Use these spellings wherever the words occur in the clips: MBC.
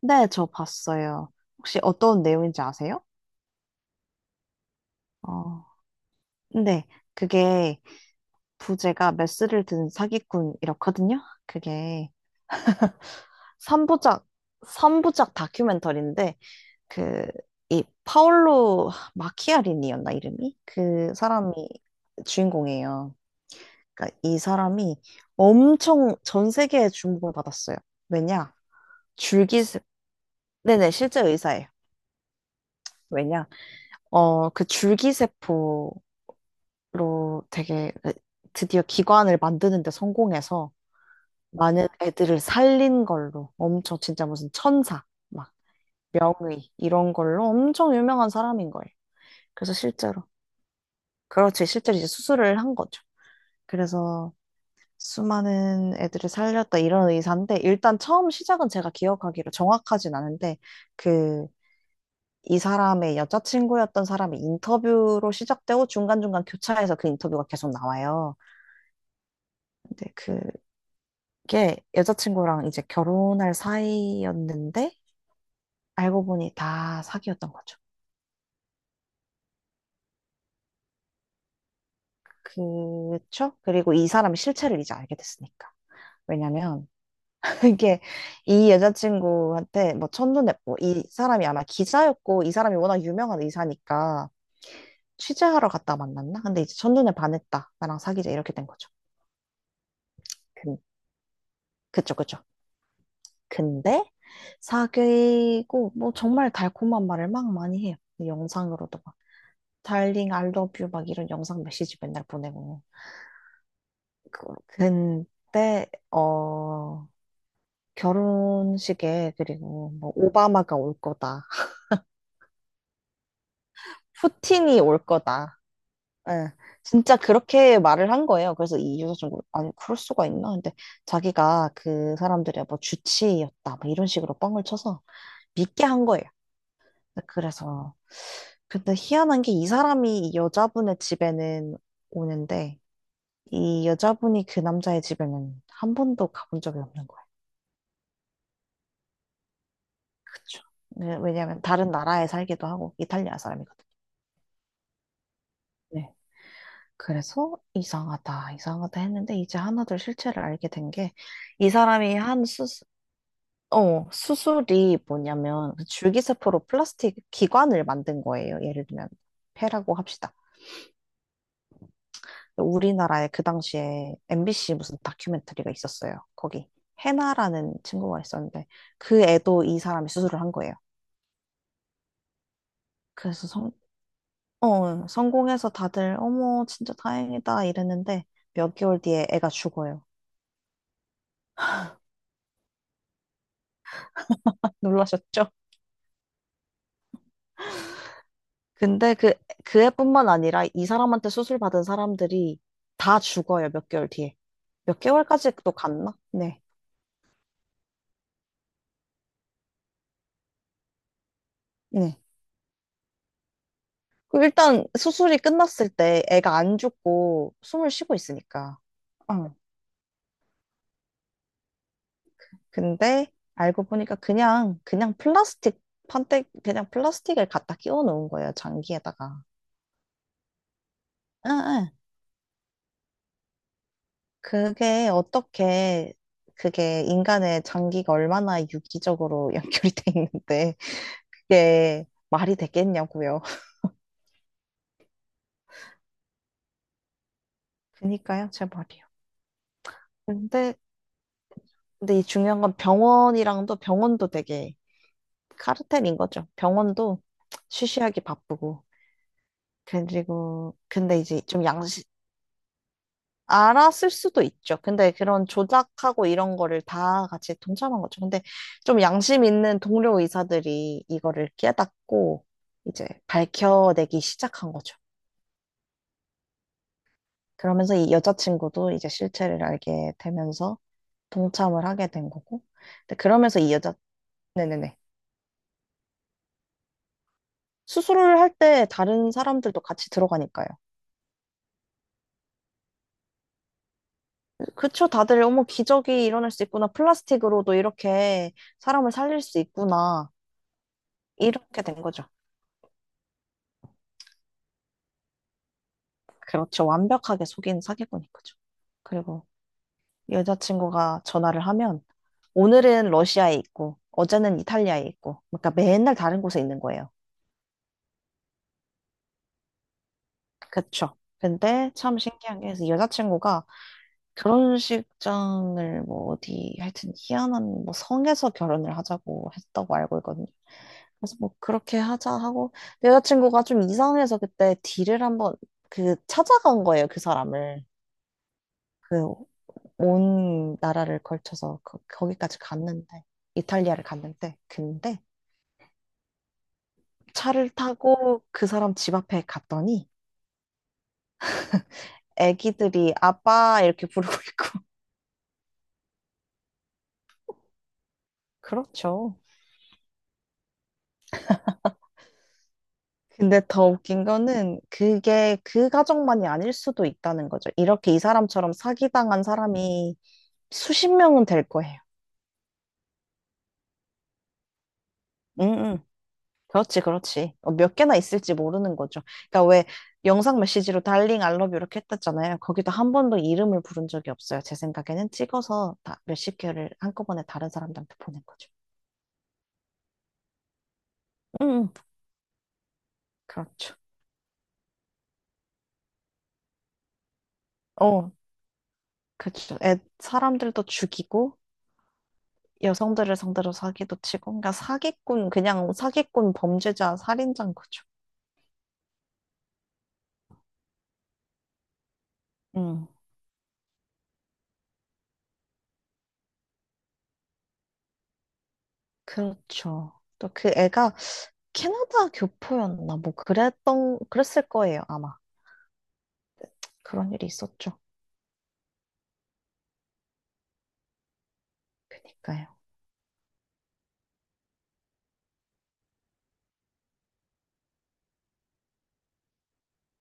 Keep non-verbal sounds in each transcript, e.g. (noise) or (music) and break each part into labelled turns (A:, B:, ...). A: 네, 저 봤어요. 혹시 어떤 내용인지 아세요? 어, 네, 그게 부제가 메스를 든 사기꾼이었거든요. 그게 3부작, 삼부작 다큐멘터리인데, 그, 이 파올로 마키아리니였나, 이름이? 그 사람이 주인공이에요. 그러니까 이 사람이 엄청 전 세계에 주목을 받았어요. 왜냐? 줄기세, 네네, 실제 의사예요. 왜냐? 그 줄기세포, 로 되게 드디어 기관을 만드는 데 성공해서 많은 애들을 살린 걸로 엄청 진짜 무슨 천사 막 명의 이런 걸로 엄청 유명한 사람인 거예요. 그래서 실제로, 그렇지, 실제로 이제 수술을 한 거죠. 그래서 수많은 애들을 살렸다 이런 의사인데, 일단 처음 시작은 제가 기억하기로 정확하진 않은데 그 이 사람의 여자친구였던 사람의 인터뷰로 시작되고, 중간중간 교차해서 그 인터뷰가 계속 나와요. 근데 그 게 여자친구랑 이제 결혼할 사이였는데 알고 보니 다 사기였던 거죠. 그쵸? 그리고 이 사람 실체를 이제 알게 됐으니까. 왜냐면 (laughs) 이게 이 여자친구한테 뭐 첫눈에, 뭐 이 사람이 아마 기자였고 이 사람이 워낙 유명한 의사니까 취재하러 갔다 만났나? 근데 이제 첫눈에 반했다, 나랑 사귀자 이렇게 된 거죠. 근, 그쵸, 그쵸. 근데 사귀고 뭐 정말 달콤한 말을 막 많이 해요. 영상으로도 막. 달링 I love you 막 이런 영상 메시지 맨날 보내고, 근데 결혼식에 그리고 뭐 오바마가 올 거다, 푸틴이 올 거다, 예 진짜 그렇게 말을 한 거예요. 그래서 이 이유가 좀, 아니 그럴 수가 있나. 근데 자기가 그 사람들의 뭐 주치의였다 뭐 이런 식으로 뻥을 쳐서 믿게 한 거예요. 그래서, 근데 희한한 게 이 사람이 이 여자분의 집에는 오는데 이 여자분이 그 남자의 집에는 한 번도 가본 적이 없는 거예요. 그쵸. 네, 왜냐면 다른 나라에 살기도 하고 이탈리아 사람이거든요. 네. 그래서 이상하다, 이상하다 했는데 이제 하나둘 실체를 알게 된 게 이 사람이 한 수술, 어, 수술이 뭐냐면 그 줄기세포로 플라스틱 기관을 만든 거예요. 예를 들면 폐라고 합시다. 우리나라에 그 당시에 MBC 무슨 다큐멘터리가 있었어요. 거기 해나라는 친구가 있었는데 그 애도 이 사람이 수술을 한 거예요. 그래서 성공해서 다들 어머 진짜 다행이다 이랬는데 몇 개월 뒤에 애가 죽어요. 놀라셨죠? 근데 그, 애뿐만 아니라 이 사람한테 수술 받은 사람들이 다 죽어요, 몇 개월 뒤에. 몇 개월까지 또 갔나? 네. 네. 그 일단 수술이 끝났을 때 애가 안 죽고 숨을 쉬고 있으니까. 어. 근데 알고 보니까 그냥, 그냥 플라스틱 판때, 그냥 플라스틱을 갖다 끼워 놓은 거예요, 장기에다가. 응, 응. 그게 어떻게, 그게 인간의 장기가 얼마나 유기적으로 (laughs) 연결이 돼 있는데, 이게 말이 되겠냐고요. 그니까요, 제 말이요. 근데, 근데 이 중요한 건 병원이랑도 병원도 되게 카르텔인 거죠. 병원도 쉬쉬하기 바쁘고. 그리고, 근데 이제 좀, 알았을 수도 있죠. 근데 그런 조작하고 이런 거를 다 같이 동참한 거죠. 근데 좀 양심 있는 동료 의사들이 이거를 깨닫고 이제 밝혀내기 시작한 거죠. 그러면서 이 여자친구도 이제 실체를 알게 되면서 동참을 하게 된 거고. 근데 그러면서 이 여자, 네네네. 수술을 할 때 다른 사람들도 같이 들어가니까요. 그쵸, 다들 어머 기적이 일어날 수 있구나, 플라스틱으로도 이렇게 사람을 살릴 수 있구나, 이렇게 된 거죠. 그렇죠, 완벽하게 속인 사기꾼인 거죠. 그리고 여자친구가 전화를 하면 오늘은 러시아에 있고 어제는 이탈리아에 있고, 그러니까 맨날 다른 곳에 있는 거예요. 그렇죠. 근데 참 신기한 게, 그래서 여자친구가 결혼식장을 뭐 어디 하여튼 희한한 뭐 성에서 결혼을 하자고 했다고 알고 있거든요. 그래서 뭐 그렇게 하자 하고, 근데 여자친구가 좀 이상해서 그때 딜을 한번 그 찾아간 거예요, 그 사람을. 그 온 나라를 걸쳐서 거기까지 갔는데, 이탈리아를 갔는데, 근데 차를 타고 그 사람 집 앞에 갔더니 애기들이 아빠 이렇게 부르고 있고. (laughs) 그렇죠. 근데 더 웃긴 거는 그게 그 가정만이 아닐 수도 있다는 거죠. 이렇게 이 사람처럼 사기당한 사람이 수십 명은 될 거예요. 응응. 그렇지, 그렇지. 어, 몇 개나 있을지 모르는 거죠. 그러니까 왜 영상 메시지로 달링 알러뷰 이렇게 했댔잖아요. 거기도 한 번도 이름을 부른 적이 없어요. 제 생각에는 찍어서 다 몇십 개를 한꺼번에 다른 사람들한테 보낸 거죠. 음, 그렇죠. 어, 그렇죠. 사람들도 죽이고 여성들을 상대로 사기도 치고, 그러니까 사기꾼, 그냥 사기꾼, 범죄자, 살인자인 거죠. 음, 그렇죠. 또 그 애가 캐나다 교포였나, 뭐 그랬던, 그랬을 거예요, 아마. 그런 일이 있었죠. 그니까요.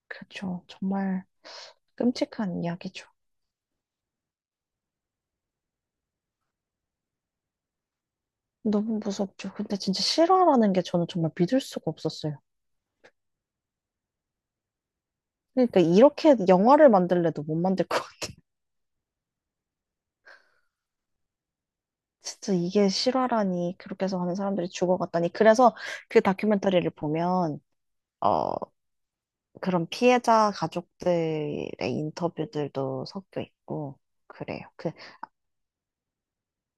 A: 그렇죠, 정말 끔찍한 이야기죠. 너무 무섭죠. 근데 진짜 실화라는 게 저는 정말 믿을 수가 없었어요. 그러니까 이렇게 영화를 만들래도 못 만들 것 같아요. (laughs) 진짜 이게 실화라니, 그렇게 해서 하는 사람들이 죽어갔다니. 그래서 그 다큐멘터리를 보면 어 그런 피해자 가족들의 인터뷰들도 섞여 있고 그래요. 그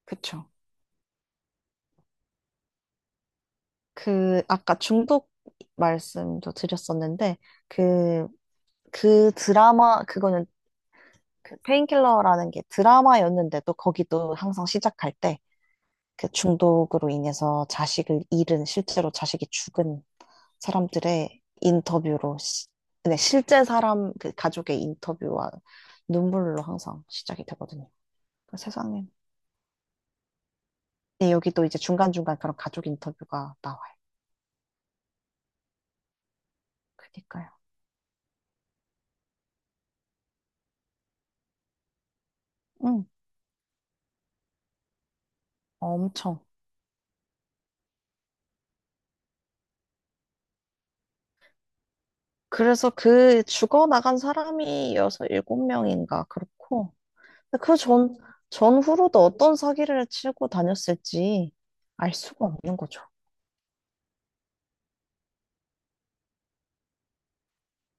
A: 그쵸. 그 아까 중독 말씀도 드렸었는데, 그 그 드라마 그거는, 그 페인킬러라는 게 드라마였는데도 거기도 항상 시작할 때 그 중독으로 인해서 자식을 잃은, 실제로 자식이 죽은 사람들의 인터뷰로 시- 네, 실제 사람 그 가족의 인터뷰와 눈물로 항상 시작이 되거든요. 그 세상에, 네, 여기도 이제 중간중간 그런 가족 인터뷰가 나와요. 그니까요. 응, 엄청. 그래서 그 죽어나간 사람이 여섯 일곱 명인가 그렇고, 근데 전후로도 어떤 사기를 치고 다녔을지 알 수가 없는 거죠.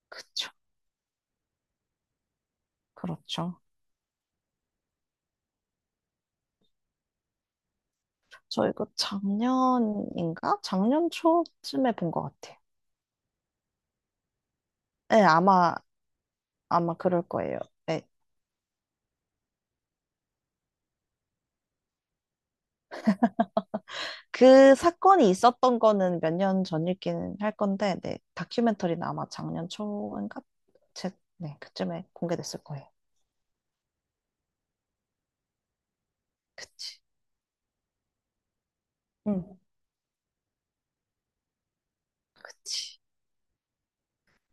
A: 그쵸. 그렇죠. 저 이거 작년인가? 작년 초쯤에 본 것 같아요. 네, 아마, 아마 그럴 거예요. 네. 그 사건이 있었던 거는 몇 년 전이긴 할 건데, 네. 다큐멘터리는 아마 작년 초인가? 제, 네, 그쯤에 공개됐을 거예요. 그치. 응, 그치.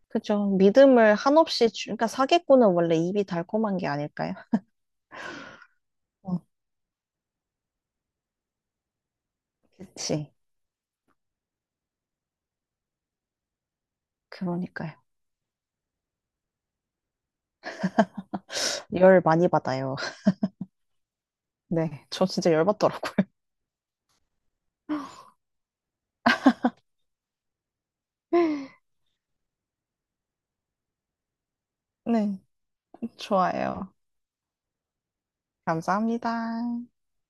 A: 그죠. 믿음을 한없이 주, 그러니까 사기꾼은 원래 입이 달콤한 게 아닐까요? 어. 그치. 그러니까요. 열 많이 받아요. (laughs) 네, 저 진짜 열 받더라고요. (laughs) 네, 좋아요. 감사합니다.